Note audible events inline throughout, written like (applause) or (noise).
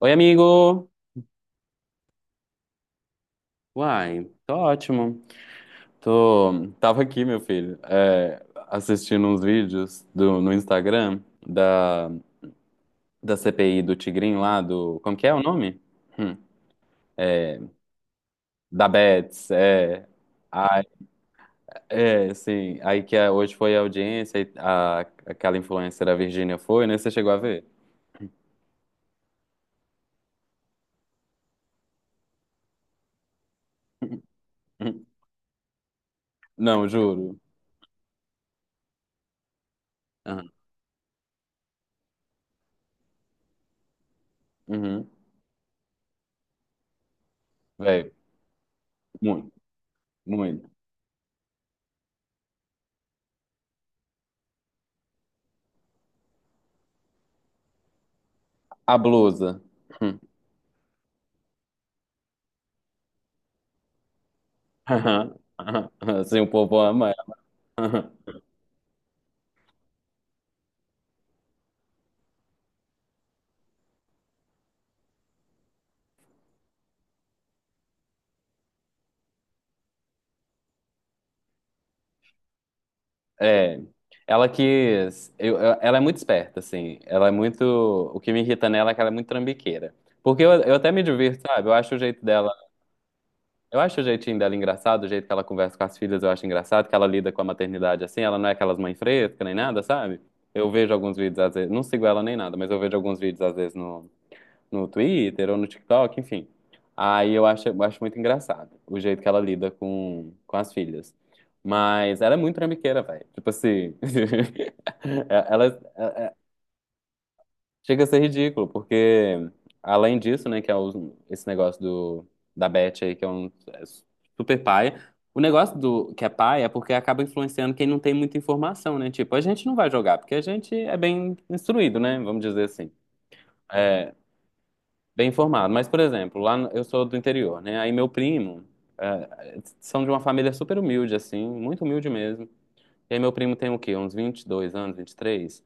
Oi, amigo! Uai, tô ótimo. Tava aqui, meu filho, assistindo uns vídeos no Instagram da, da CPI do Tigrinho lá, Como que é o nome? Hum, Da Bets, Ai, é, sim. Aí que hoje foi a audiência, aquela influencer, a Virgínia, foi, né? Você chegou a ver? (laughs) Não, juro. Aham. Uhum. Velho, muito, muito. A blusa. Hum. (laughs) Aham. Assim, o povo ama. Aham. É. Ela quis. Ela é muito esperta, assim. Ela é muito. O que me irrita nela é que ela é muito trambiqueira. Porque eu até me divirto, sabe? Eu acho o jeito dela. Eu acho o jeitinho dela engraçado, o jeito que ela conversa com as filhas, eu acho engraçado, que ela lida com a maternidade assim. Ela não é aquelas mães frescas nem nada, sabe? Eu vejo alguns vídeos, às vezes. Não sigo ela nem nada, mas eu vejo alguns vídeos, às vezes, no Twitter ou no TikTok, enfim. Aí eu acho muito engraçado o jeito que ela lida com as filhas. Mas ela é muito trambiqueira, velho. Tipo assim, (laughs) ela chega a ser ridículo, porque além disso, né, que é esse negócio da Beth aí, que é super pai. O negócio do que é pai é porque acaba influenciando quem não tem muita informação, né? Tipo, a gente não vai jogar, porque a gente é bem instruído, né? Vamos dizer assim. Bem informado. Mas, por exemplo, lá eu sou do interior, né? Aí meu primo são de uma família super humilde, assim, muito humilde mesmo. E aí meu primo tem o quê? Uns 22 anos, 23.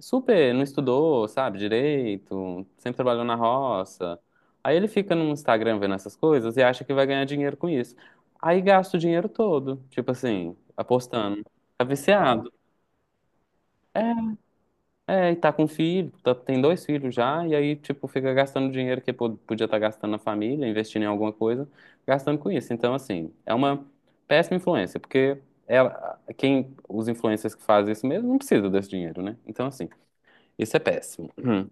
Super, não estudou, sabe, direito, sempre trabalhou na roça. Aí ele fica no Instagram vendo essas coisas e acha que vai ganhar dinheiro com isso. Aí gasta o dinheiro todo, tipo assim, apostando. Tá viciado. É, é, e tá com filho, tem dois filhos já, e aí, tipo, fica gastando dinheiro que podia estar gastando na família, investindo em alguma coisa, gastando com isso. Então, assim, é uma péssima influência, porque os influencers que fazem isso mesmo não precisa desse dinheiro, né? Então, assim, isso é péssimo.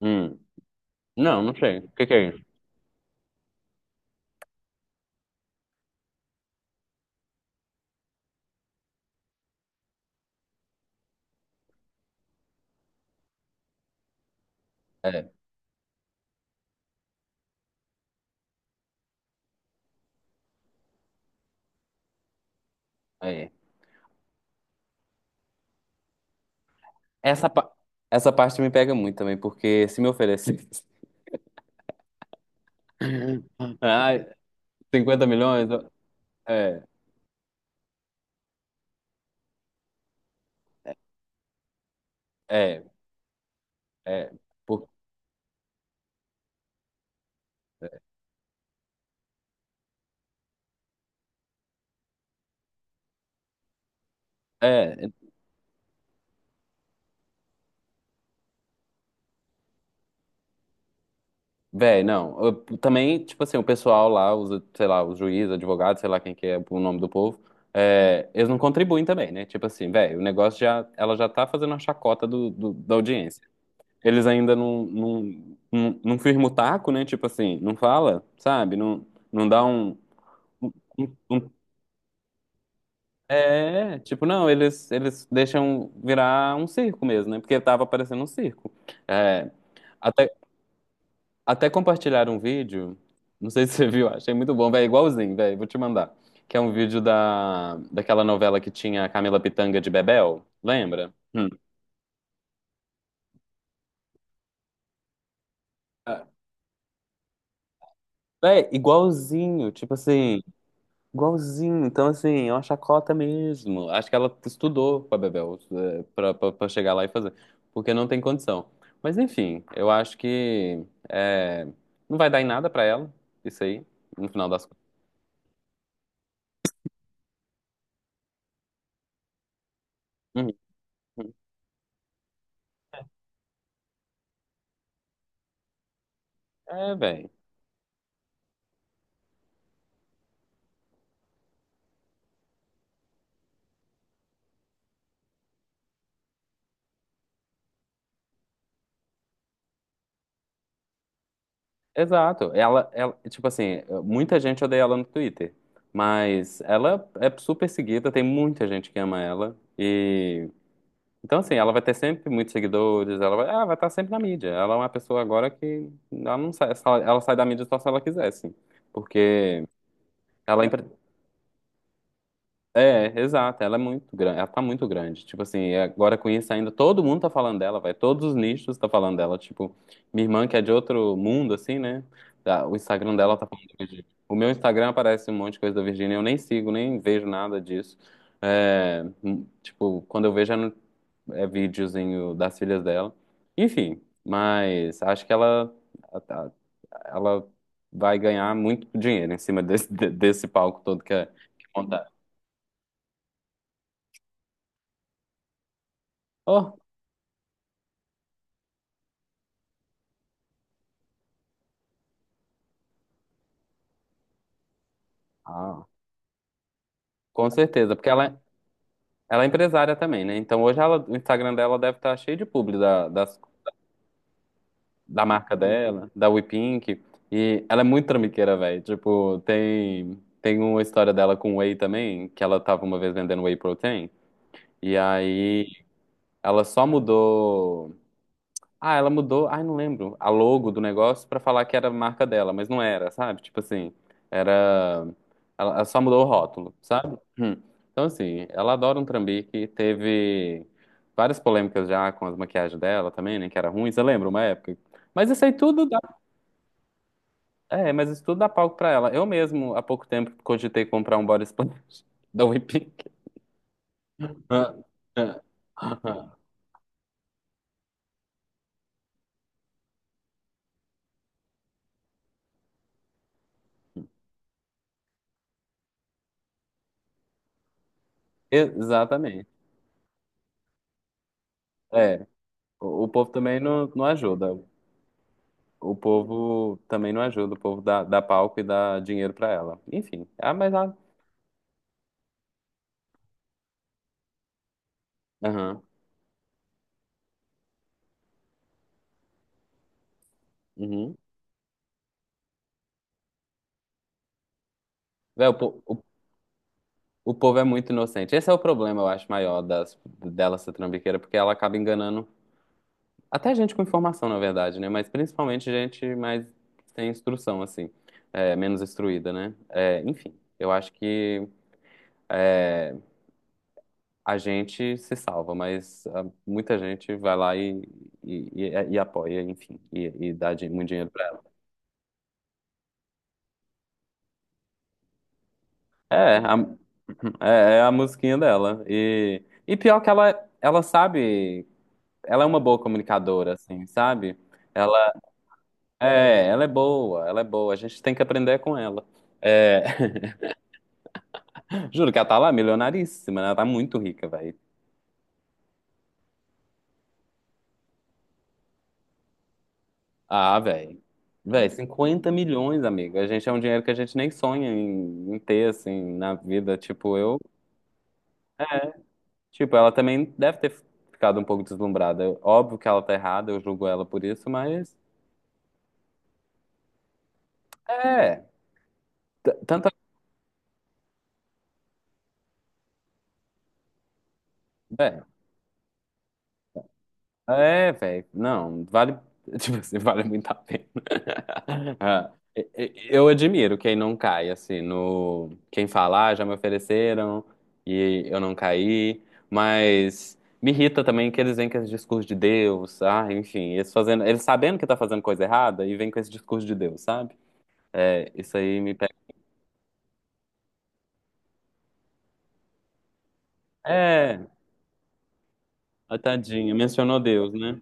hum. Não, não sei. O que que é isso? É, é. Essa, pa- essa parte me pega muito também, porque se me oferecesse (laughs) ai, 50 milhões, é, é, é. Por- É, véi, não. Também, tipo assim, o pessoal lá, os, sei lá, os juízes, advogados, sei lá quem que é o nome do povo, eles não contribuem também, né? Tipo assim, véi, o negócio já, ela já tá fazendo a chacota da audiência. Eles ainda não firma o taco, né? Tipo assim, não fala, sabe? Não, não dá um. É, tipo, não, eles deixam virar um circo mesmo, né? Porque tava parecendo um circo. É, até, Até compartilharam um vídeo, não sei se você viu, achei muito bom, velho, igualzinho, velho, vou te mandar. Que é um vídeo daquela novela que tinha a Camila Pitanga de Bebel, lembra? Hum. Ah, véi, igualzinho, tipo assim, igualzinho. Então, assim, é uma chacota mesmo. Acho que ela estudou com Bebel pra chegar lá e fazer, porque não tem condição. Mas, enfim, eu acho que não vai dar em nada pra ela, isso aí, no final das contas. Uhum. É, velho. Exato. Tipo assim, muita gente odeia ela no Twitter, mas ela é super seguida, tem muita gente que ama ela. E então assim, ela vai ter sempre muitos seguidores, ela vai estar sempre na mídia. Ela é uma pessoa agora que ela não sai, ela sai da mídia só se ela quiser, assim. Porque ela, exato, ela é muito grande, ela tá muito grande. Tipo assim, é agora com isso ainda, todo mundo tá falando dela, vai, todos os nichos tá falando dela. Tipo, minha irmã que é de outro mundo, assim, né? Tá, o Instagram dela tá falando da Virgínia. O meu Instagram aparece um monte de coisa da Virgínia, eu nem sigo, nem vejo nada disso. É, tipo, quando eu vejo é videozinho das filhas dela. Enfim, mas acho que ela vai ganhar muito dinheiro em cima desse palco todo que é que montar. Ah, com certeza, porque ela, ela é empresária também, né? Então hoje ela, o Instagram dela deve estar cheio de publi da marca dela, da WePink. E ela é muito trambiqueira, velho. Tipo, tem uma história dela com whey também, que ela tava uma vez vendendo whey protein. E aí ela só mudou. Ah, ela mudou, ai, não lembro, a logo do negócio pra falar que era a marca dela, mas não era, sabe? Tipo assim, era. Ela só mudou o rótulo, sabe? Hum. Então, assim, ela adora um trambique, teve várias polêmicas já com as maquiagens dela também, né? Que era ruim, você lembra uma época? Mas isso aí tudo dá. É, mas isso tudo dá palco pra ela. Eu mesmo, há pouco tempo, cogitei comprar um body splash (laughs) da Whipping. Ah, ah, ah. Exatamente. É, o povo também não, não ajuda. O povo também não ajuda, o povo dá palco e dá dinheiro pra ela. Enfim. Ah, mas a. Aham. Uhum. Véi, o povo é muito inocente. Esse é o problema, eu acho, maior das, dela ser trambiqueira, porque ela acaba enganando até gente com informação, na verdade, né? Mas principalmente gente mais sem instrução, assim. É, menos instruída, né? É, enfim, eu acho que a gente se salva, mas ah, muita gente vai lá e apoia, enfim, e dá muito dinheiro. É, (laughs) é a musiquinha dela. E pior que ela sabe, ela é uma boa comunicadora, assim, sabe? Ela ela é boa, ela é boa. A gente tem que aprender com ela. É, (laughs) juro que ela tá lá milionaríssima, né? Ela tá muito rica, velho. Ah, velho. Velho, 50 milhões, amigo. A gente é um dinheiro que a gente nem sonha em ter, assim, na vida. Tipo, eu. Tipo, ela também deve ter ficado um pouco deslumbrada. Óbvio que ela tá errada, eu julgo ela por isso, mas. É, Tanta. É, é, velho. Não, vale. (laughs) Tipo assim, vale muito a pena. (laughs) Ah, Eu admiro quem não cai, assim, no. Quem fala, ah, já me ofereceram e eu não caí. Mas me irrita também que eles vêm com esse discurso de Deus, ah, enfim, eles fazendo. Eles sabendo que tá fazendo coisa errada e vêm com esse discurso de Deus, sabe? É, isso aí me pega. É, a tadinha, mencionou Deus, né?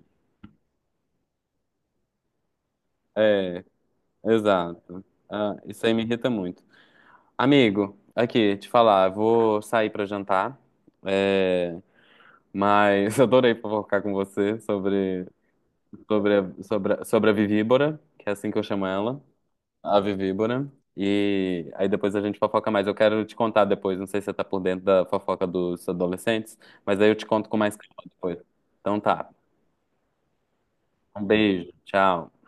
É, exato. Ah, isso aí me irrita muito. Amigo, aqui, te falar, eu vou sair pra jantar, é, mas (laughs) adorei fofocar com você sobre a Vivíbora, que é assim que eu chamo ela, a Vivíbora, e aí depois a gente fofoca mais. Eu quero te contar depois, não sei se você tá por dentro da fofoca dos adolescentes, mas aí eu te conto com mais calma depois. Então tá, um beijo, tchau.